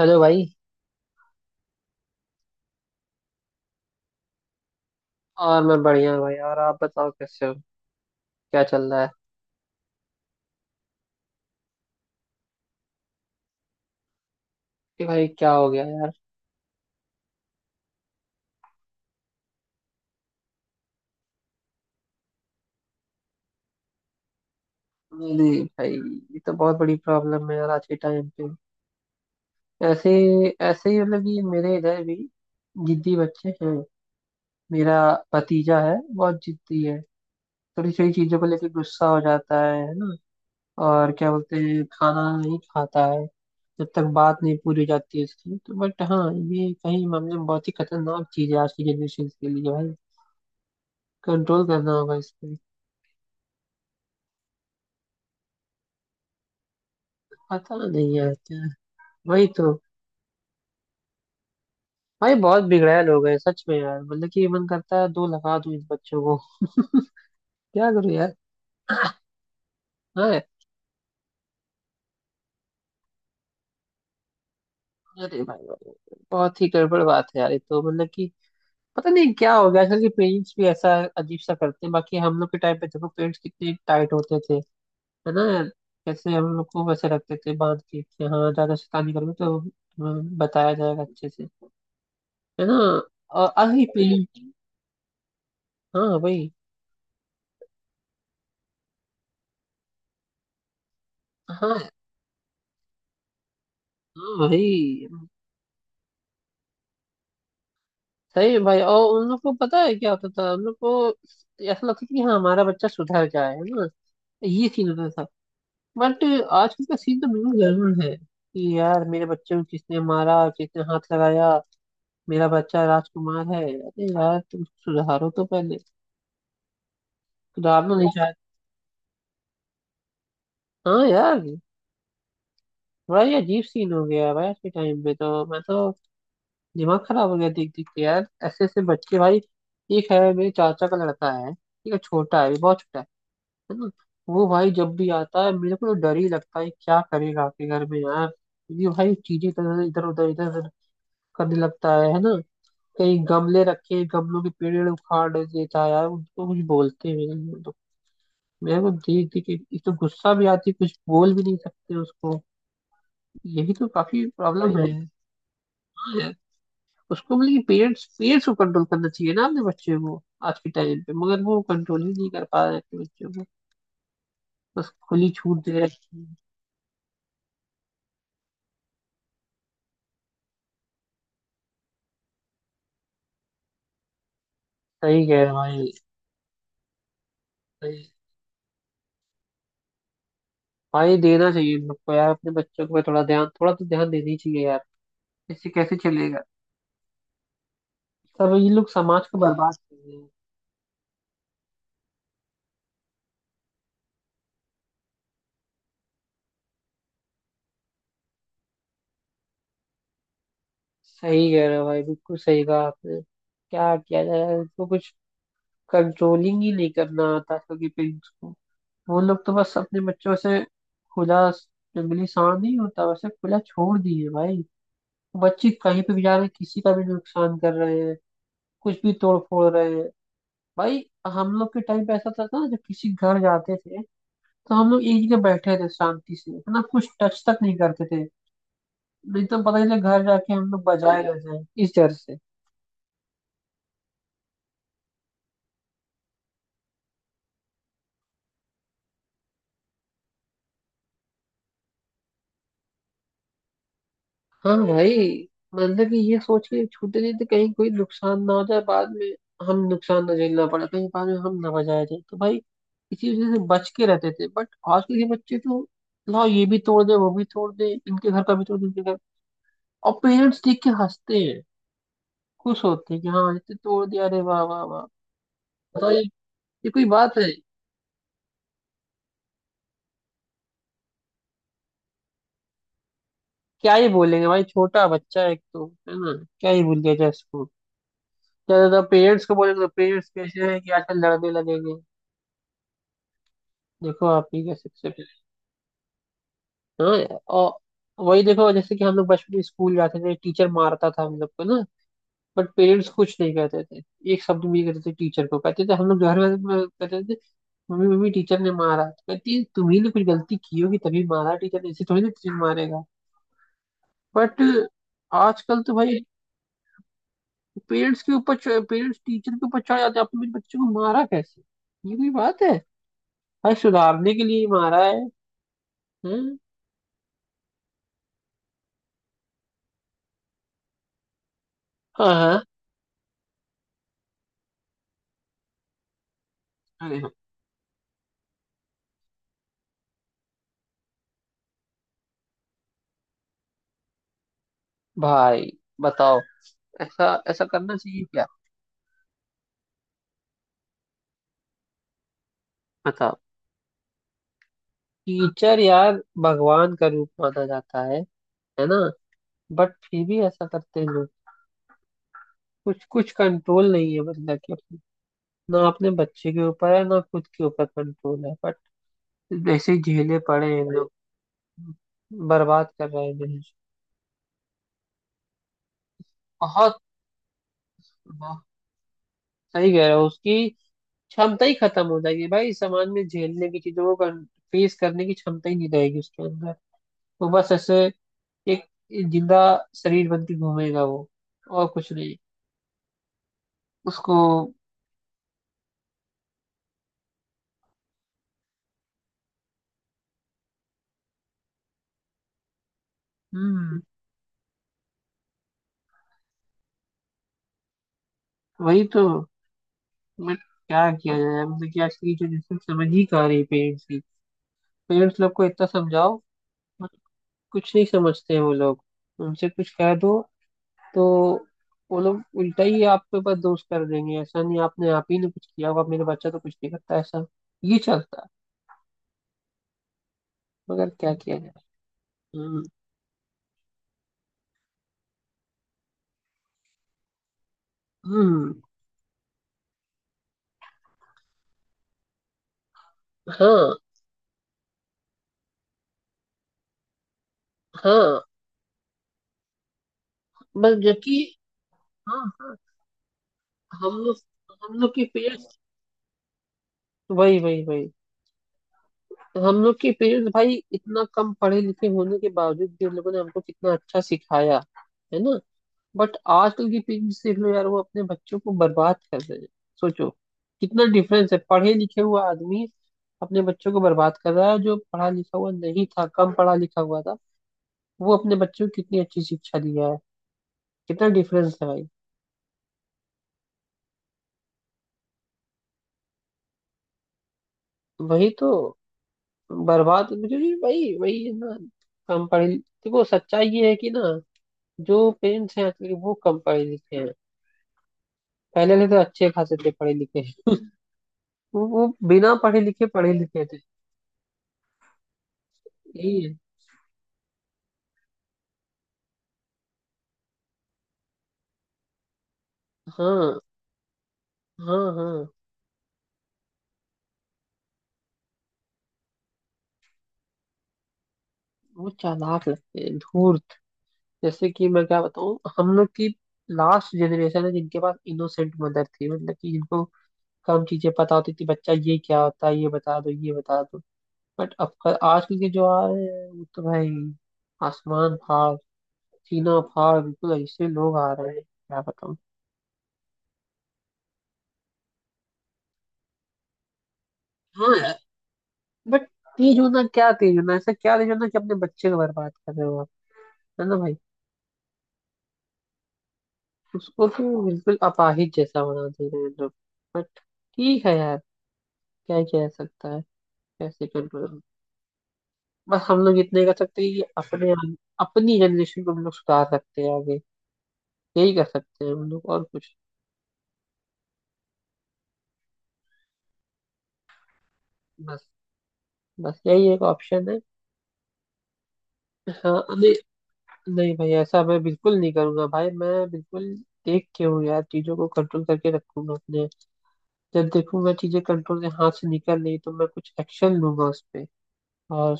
Hello भाई। और मैं बढ़िया हूँ भाई, और आप बताओ कैसे हो। क्या चल रहा है? कि भाई क्या हो गया यार? नहीं नहीं भाई, ये तो बहुत बड़ी प्रॉब्लम है यार आज के टाइम पे। ऐसे ऐसे ही मतलब कि मेरे इधर भी जिद्दी बच्चे हैं। मेरा भतीजा है, बहुत जिद्दी है। थोड़ी छोटी चीजों को लेकर गुस्सा हो जाता है ना। और क्या बोलते हैं, खाना नहीं खाता है जब तक बात नहीं पूरी हो जाती है इसकी, तो बट हाँ, ये कहीं मामले में बहुत ही खतरनाक चीज है आज की जनरेशन के लिए भाई। कंट्रोल करना होगा इस पे। पता नहीं यार क्या। वही तो। भाई बहुत बिगड़ैल हो गए सच में यार, मतलब कि मन करता है दो लगा दूं इन बच्चों को। क्या करूं यार। हाँ। अरे भाई भाई, बहुत ही गड़बड़ बात है यार, ये तो मतलब कि पता नहीं क्या हो गया। आजकल के पेरेंट्स भी ऐसा अजीब सा करते हैं। बाकी हम लोग के टाइम पे देखो, पेरेंट्स कितने टाइट होते थे, है ना यार। कैसे हम लोग को वैसे रखते थे बांध के कि हाँ ज्यादा शैतानी करोगे तो हमें बताया जाएगा अच्छे से, है ना। और अभी पेरेंट्स। हाँ भाई। हाँ। हाँ भाई। सही है भाई, और उन लोग को पता है क्या होता था उन लोग को, ऐसा लगता था कि हाँ, हमारा बच्चा सुधर जाए, है ना। ये सीन होता था। बट आजकल का सीन तो बिल्कुल गड़बड़ है कि यार मेरे बच्चे को किसने मारा, किसने हाथ लगाया, मेरा बच्चा राजकुमार है। अरे यार तुम सुधारो तो पहले। सुधारना नहीं चाहते। हाँ यार। बड़ा ये अजीब सीन हो गया है भाई आज के टाइम पे, तो मैं तो दिमाग खराब हो गया देख देख के यार, ऐसे ऐसे बच्चे भाई। एक है मेरे चाचा का लड़का है, ठीक है, छोटा है, बहुत छोटा है ना। वो भाई जब भी आता है मेरे को तो डर ही लगता है क्या करेगा आपके घर में यार, क्योंकि भाई चीजें इधर इधर उधर करने लगता है ना। कहीं गमले रखे हैं, गमलों के पेड़ वेड़ उखाड़ देता है यार, उनको कुछ बोलते भी नहीं है तो मेरे को देख देख के एक तो गुस्सा भी आती है, कुछ बोल भी नहीं सकते उसको। यही तो काफी प्रॉब्लम है, वही। हाँ यार, उसको मतलब कि पेरेंट्स पेरेंट्स को कंट्रोल करना चाहिए ना अपने बच्चे को आज के टाइम पे, मगर वो कंट्रोल ही नहीं कर पा रहे अपने बच्चे को। बस खुली छूट दे रखी है। सही कह रहे हो भाई। सही। हाँ ये देना चाहिए इन लोग को यार, अपने बच्चों को थोड़ा ध्यान, थोड़ा तो ध्यान देना ही चाहिए यार। इससे कैसे चलेगा? सब ये लोग समाज को बर्बाद कर रहे हैं। सही कह रहे हो भाई, बिल्कुल सही कहा आपने। क्या किया जाए इनको कुछ, कंट्रोलिंग ही नहीं करना आता आजकल के पेरेंट्स को। वो लोग तो बस अपने बच्चों से खुला, जंगली सांड नहीं होता वैसे, खुला छोड़ दिए भाई। बच्चे कहीं पे भी जा रहे हैं, किसी का भी नुकसान कर रहे हैं, कुछ भी तोड़ फोड़ रहे हैं भाई। हम लोग के टाइम पे ऐसा था ना, जब किसी घर जाते थे तो हम लोग एक जगह बैठे थे शांति से, है ना, कुछ टच तक नहीं करते थे। नहीं तो पता चले घर जाके हम लोग बजाए रह जाए इस डर से। हाँ भाई। मतलब कि ये सोच के छूटे नहीं थे कहीं कोई नुकसान ना हो जाए बाद में, हम नुकसान ना झेलना पड़े कहीं बाद में, हम ना बजाए जाए, तो भाई इसी वजह से बच के रहते थे। बट आजकल के बच्चे तो, लाओ ये भी तोड़ दे, वो भी तोड़ दे, इनके घर का भी तोड़ दे इनके घर, और पेरेंट्स देख के हंसते हैं, खुश होते हैं कि हाँ इतने तोड़ दिया, अरे वाह वाह वाह। बताओ ये कोई बात है? क्या ही बोलेंगे भाई, छोटा बच्चा है एक तो, है ना, क्या ही बोल दिया जाए इसको। ज्यादा तो पेरेंट्स को बोलेंगे तो पेरेंट्स कैसे हैं कि आजकल लड़ने लगेंगे। देखो आप ही कैसे सबसे पहले। हाँ यार, और वही देखो जैसे कि हम लोग बचपन में स्कूल जाते थे, टीचर मारता था हम लोग को ना, बट पेरेंट्स कुछ नहीं कहते थे, एक शब्द भी नहीं कहते थे टीचर को, कहते थे, हम लोग घर में कहते थे, मम्मी मम्मी टीचर ने मारा, तो कहती है, तुम्ही ने कुछ गलती की होगी तभी मारा, टीचर ने ऐसे थोड़ी ना टीचर मारेगा। बट आजकल तो भाई पेरेंट्स के ऊपर, पेरेंट्स टीचर के ऊपर चढ़ जाते हैं, आपने मेरे बच्चे को मारा कैसे? ये कोई बात है? भाई सुधारने के लिए मारा है। हैं? हाँ हाँ। अरे हाँ। भाई बताओ, ऐसा ऐसा करना चाहिए क्या? बताओ। टीचर यार भगवान का रूप माना जाता है ना, बट फिर भी ऐसा करते हैं लोग। कुछ कुछ कंट्रोल नहीं है, मतलब कि ना अपने बच्चे के ऊपर, है ना, खुद के ऊपर कंट्रोल है, बट जैसे ही झेले पड़े हैं लोग, बर्बाद कर रहे हैं जिंदगी। बहुत सही कह रहे हो, उसकी क्षमता ही खत्म हो जाएगी भाई समाज में, झेलने की चीजों को फेस करने की क्षमता ही नहीं रहेगी उसके अंदर। वो बस ऐसे एक जिंदा शरीर बन के घूमेगा वो, और कुछ नहीं उसको। हम्म। वही तो। मैं क्या किया जाए, अब देखिए आज की जनरेशन समझ ही कहाँ रही पेरेंट्स की। पेरेंट्स लोग को इतना समझाओ बट कुछ नहीं समझते हैं वो लोग। उनसे कुछ कह दो तो वो लोग उल्टा ही आपके ऊपर दोष कर देंगे, ऐसा नहीं, आपने, आप ही ने कुछ किया होगा, मेरा बच्चा तो कुछ नहीं करता ऐसा। ये चलता है। मगर क्या किया जाए। हम्म। हम्म। हाँ हाँ। बस जबकि। हाँ हाँ। हम लोग, हम लोग के पेरेंट्स, वही वही वही, हम लोग के पेरेंट्स भाई, इतना कम पढ़े लिखे होने के बावजूद भी उन लोगों ने हमको कितना अच्छा सिखाया, है ना। बट आजकल की पेरेंट्स देख लो यार, वो अपने बच्चों को बर्बाद कर रहे हैं। सोचो, कितना डिफरेंस है, पढ़े लिखे हुआ आदमी अपने बच्चों को बर्बाद कर रहा है, जो पढ़ा लिखा हुआ नहीं था, कम पढ़ा लिखा हुआ था, वो अपने बच्चों को कितनी अच्छी शिक्षा दिया है। कितना डिफरेंस है भाई। वही तो। बर्बाद मुझे भी भाई, वही है ना, कम पढ़े। देखो सच्चाई ये है कि ना, जो पेरेंट्स हैं आजकल के, वो कम पढ़े लिखे हैं। पहले वाले तो अच्छे खासे थे पढ़े लिखे, वो बिना पढ़े लिखे पढ़े लिखे थे। यही है। हाँ हाँ हाँ। वो चालाक लगते हैं, धूर्त। जैसे कि मैं क्या बताऊँ, हम लोग की लास्ट जनरेशन है जिनके पास इनोसेंट मदर थी, मतलब कि जिनको कम चीजें पता होती थी, बच्चा ये क्या होता है, ये बता दो, ये बता दो। बट अब आजकल के जो आ रहे हैं, वो तो भाई आसमान फाड़, सीना फाड़, बिल्कुल ऐसे लोग आ रहे हैं, क्या बताऊँ। हाँ। बट तेज होना क्या, तेज होना ऐसा क्या, तेज होना कि अपने बच्चे को बर्बाद कर रहे हो आप, है ना भाई। उसको तो बिल्कुल अपाहिज जैसा बना दे रहे हैं लोग। बट ठीक है यार, क्या ही किया जा सकता है। कैसे कंट्रोल, बस हम लोग इतने कर सकते हैं कि अपने, अपनी जनरेशन को हम लोग सुधार सकते हैं आगे, यही कर सकते हैं हम लोग, और कुछ। बस, बस यही एक ऑप्शन है। हाँ नहीं, नहीं भाई, ऐसा मैं बिल्कुल नहीं करूंगा भाई, मैं बिल्कुल देख के हूँ यार, चीजों को कंट्रोल करके रखूंगा अपने। जब देखूंगा चीजें कंट्रोल से हाथ से निकल रही, तो मैं कुछ एक्शन लूंगा उस पे, और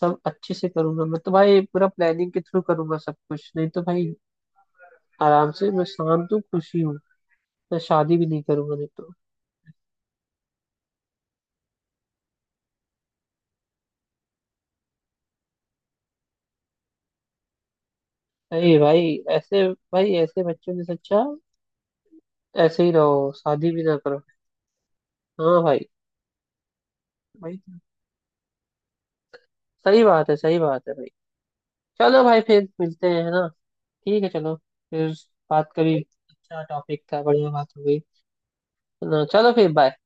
सब अच्छे से करूंगा मैं तो भाई, पूरा प्लानिंग के थ्रू करूंगा सब कुछ, नहीं तो भाई आराम से मैं शांत हूँ, खुशी हूँ, मैं शादी भी नहीं करूंगा नहीं तो। अरे भाई, ऐसे भाई ऐसे बच्चों ने सच्चा, ऐसे ही रहो, शादी भी ना करो। हाँ भाई। भाई सही बात है, सही बात है भाई। चलो भाई, फिर मिलते हैं, है ना। ठीक है, चलो फिर, बात करी, अच्छा टॉपिक था, बढ़िया बात हो गई, है ना। चलो, फिर बाय।